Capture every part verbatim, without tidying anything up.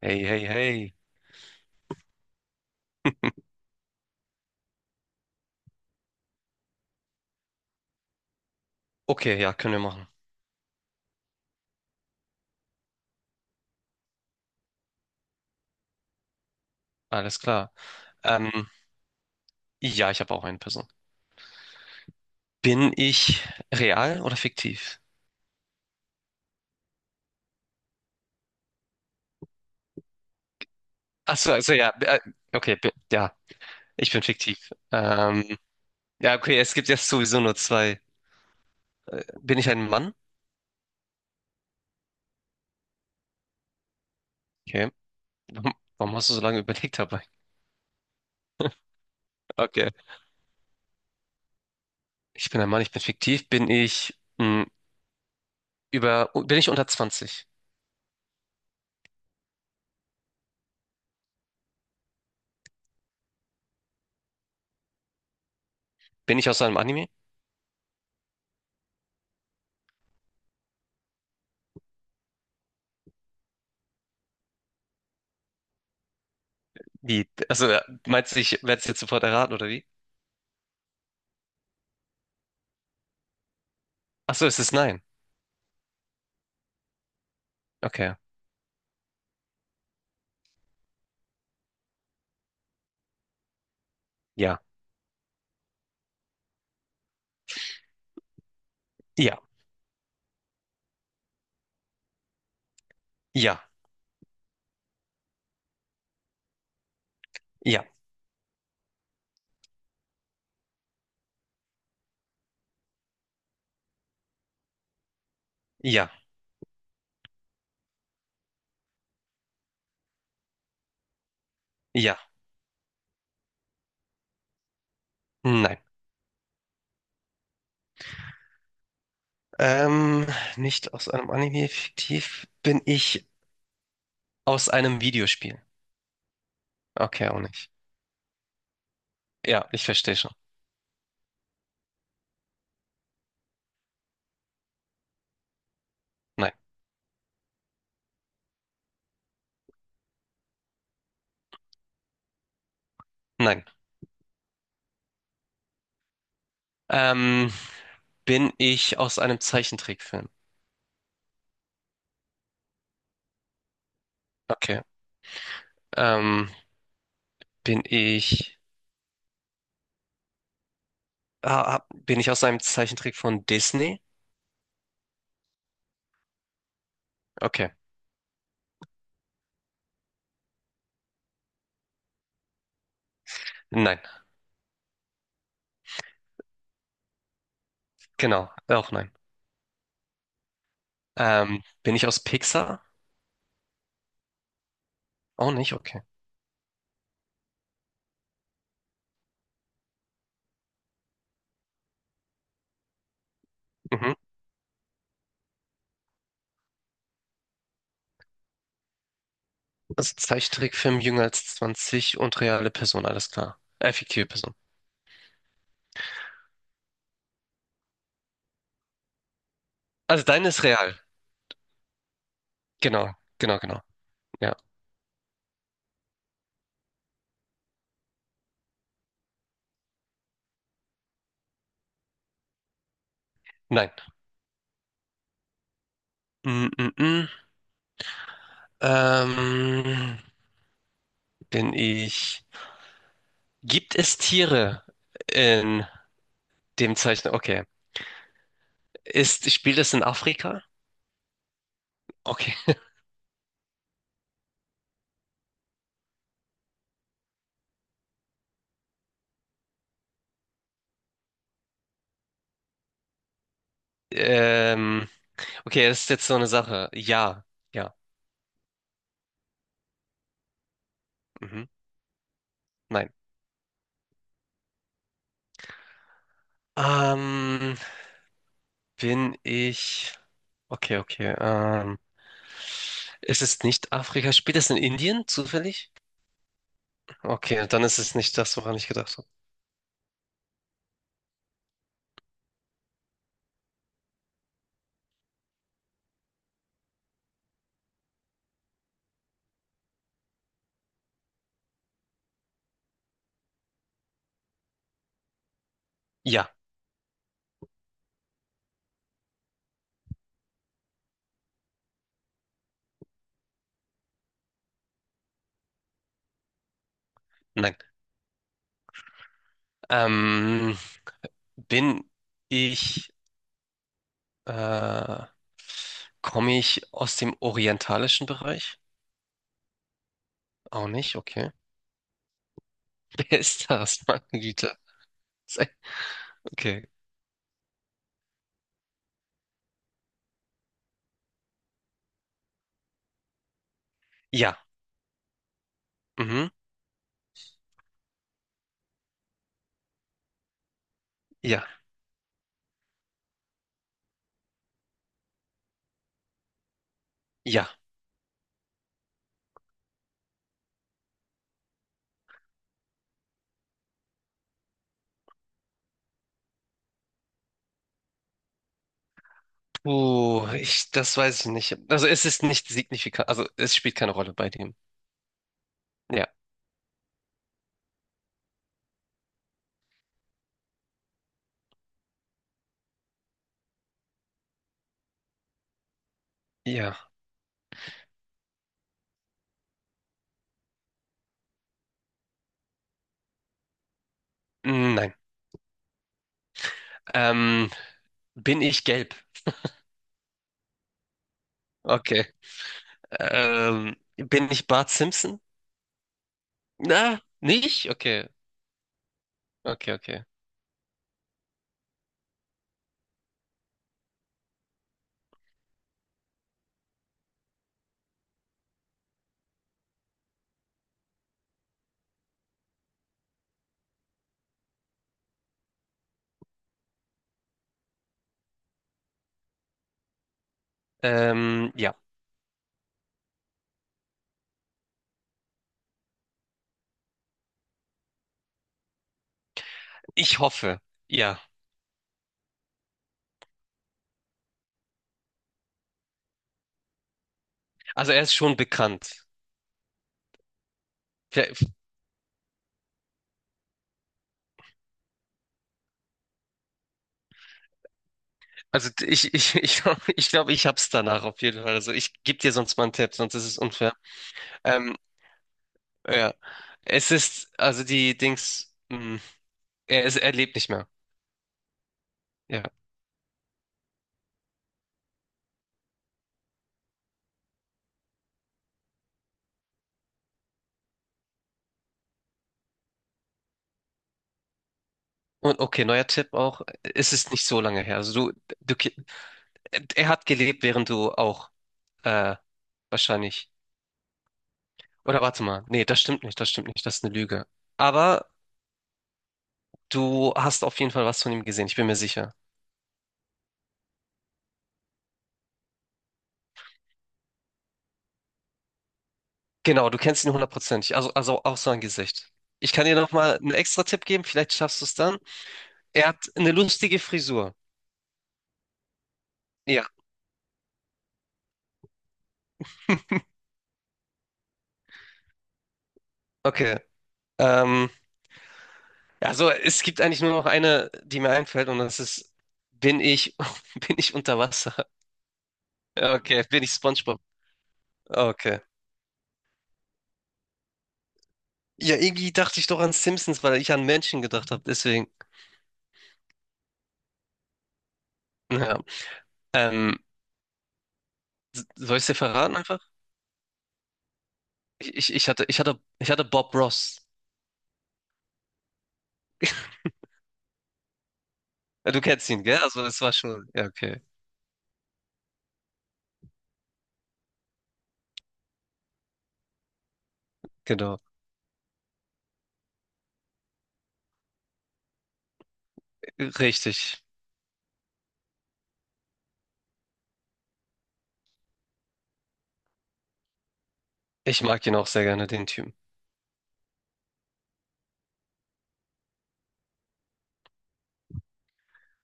Hey, hey, hey. Okay, ja, können wir machen. Alles klar. Ähm, ja, ich habe auch eine Person. Bin ich real oder fiktiv? Achso, also ja, äh, okay, bi- ja, ich bin fiktiv. Ähm, ja, okay, es gibt jetzt sowieso nur zwei. Bin ich ein Mann? Okay. Warum warum hast du so lange überlegt dabei? Okay. Ich bin ein Mann, ich bin fiktiv. Bin ich mh, über, bin ich unter zwanzig? Bin ich aus einem Anime? Wie? Also, äh, meinst du, ich werde es jetzt sofort erraten, oder wie? Achso, es ist nein. Okay. Ja. Ja. Ja. Ja, ja, ja, nein. Ähm, nicht aus einem Anime fiktiv. Bin ich aus einem Videospiel? Okay, auch nicht. Ja, ich verstehe schon. Nein, nein. Ähm, bin ich aus einem Zeichentrickfilm? Okay. Ähm, bin ich, ah, ah, bin ich aus einem Zeichentrick von Disney? Okay. Nein. Genau. Auch nein. Ähm, bin ich aus Pixar? Auch nicht. Okay. Mhm. Also Zeichentrickfilm jünger als zwanzig und reale Person. Alles klar. Äh, fiktive Person. Also deine ist real. Genau, genau, genau. Ja, nein. Mm, mm, mm. Ähm, bin ich. Gibt es Tiere in dem Zeichen? Okay. Ist, spielt es in Afrika? Okay. Ähm, okay, das ist jetzt so eine Sache. Ja, ja. Mhm. Nein. Ähm, bin ich. Okay, okay. Ähm, ist es nicht Afrika? Spielt es in Indien zufällig? Okay, dann ist es nicht das, woran ich gedacht habe. Ja, nein. Ähm, bin ich, äh, komme ich aus dem orientalischen Bereich? Auch nicht, okay. Wer ist das, meine Güte? Sei- Okay. Ja, mhm, ja, ja. Puh, ich, das weiß ich nicht. Also es ist nicht signifikant, also es spielt keine Rolle bei dem. Ja, ja, Hm, nein. Ähm, bin ich gelb? Okay. Ähm, bin ich Bart Simpson? Na, nicht? Okay, okay, okay. Ähm, ja. Ich hoffe, ja. Also er ist schon bekannt. Vielleicht- Also ich, ich, ich glaube, ich, glaub, ich hab's danach auf jeden Fall. Also ich gebe dir sonst mal einen Tipp, sonst ist es unfair. Ähm, ja. Es ist, also die Dings, mh, er ist, er lebt nicht mehr. Ja. Und okay, neuer Tipp auch, es ist nicht so lange her. Also du, du, ki- er hat gelebt, während du auch, äh, wahrscheinlich. Oder warte mal. Nee, das stimmt nicht, das stimmt nicht, das ist eine Lüge. Aber du hast auf jeden Fall was von ihm gesehen, ich bin mir sicher. Genau, du kennst ihn hundertprozentig, also, also auch sein Gesicht. Ich kann dir noch mal einen extra Tipp geben, vielleicht schaffst du es dann. Er hat eine lustige Frisur. Ja, okay. Ähm, also es gibt eigentlich nur noch eine, die mir einfällt und das ist, bin ich, bin ich unter Wasser? Ja, okay, bin ich SpongeBob? Okay. Ja, irgendwie dachte ich doch an Simpsons, weil ich an Menschen gedacht habe, deswegen. Ja. Ähm, s- soll ich dir verraten einfach? Ich, ich, ich hatte, ich hatte, ich hatte Bob Ross. Ja, du kennst ihn, gell? Also das war schon, ja, okay, genau. Richtig. Ich mag ihn auch sehr gerne, den Typen.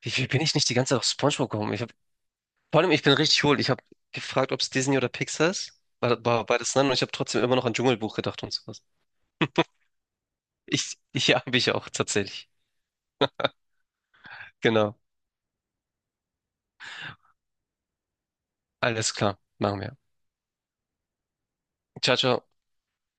Wie, wie bin ich nicht die ganze Zeit auf SpongeBob gekommen? Ich hab, vor allem, ich bin richtig hohl. Ich habe gefragt, ob es Disney oder Pixar ist. War, war beides nein und ich habe trotzdem immer noch an Dschungelbuch gedacht und sowas. Ich, ich habe ich auch tatsächlich. Genau. Alles klar. Machen wir. Ciao, ciao.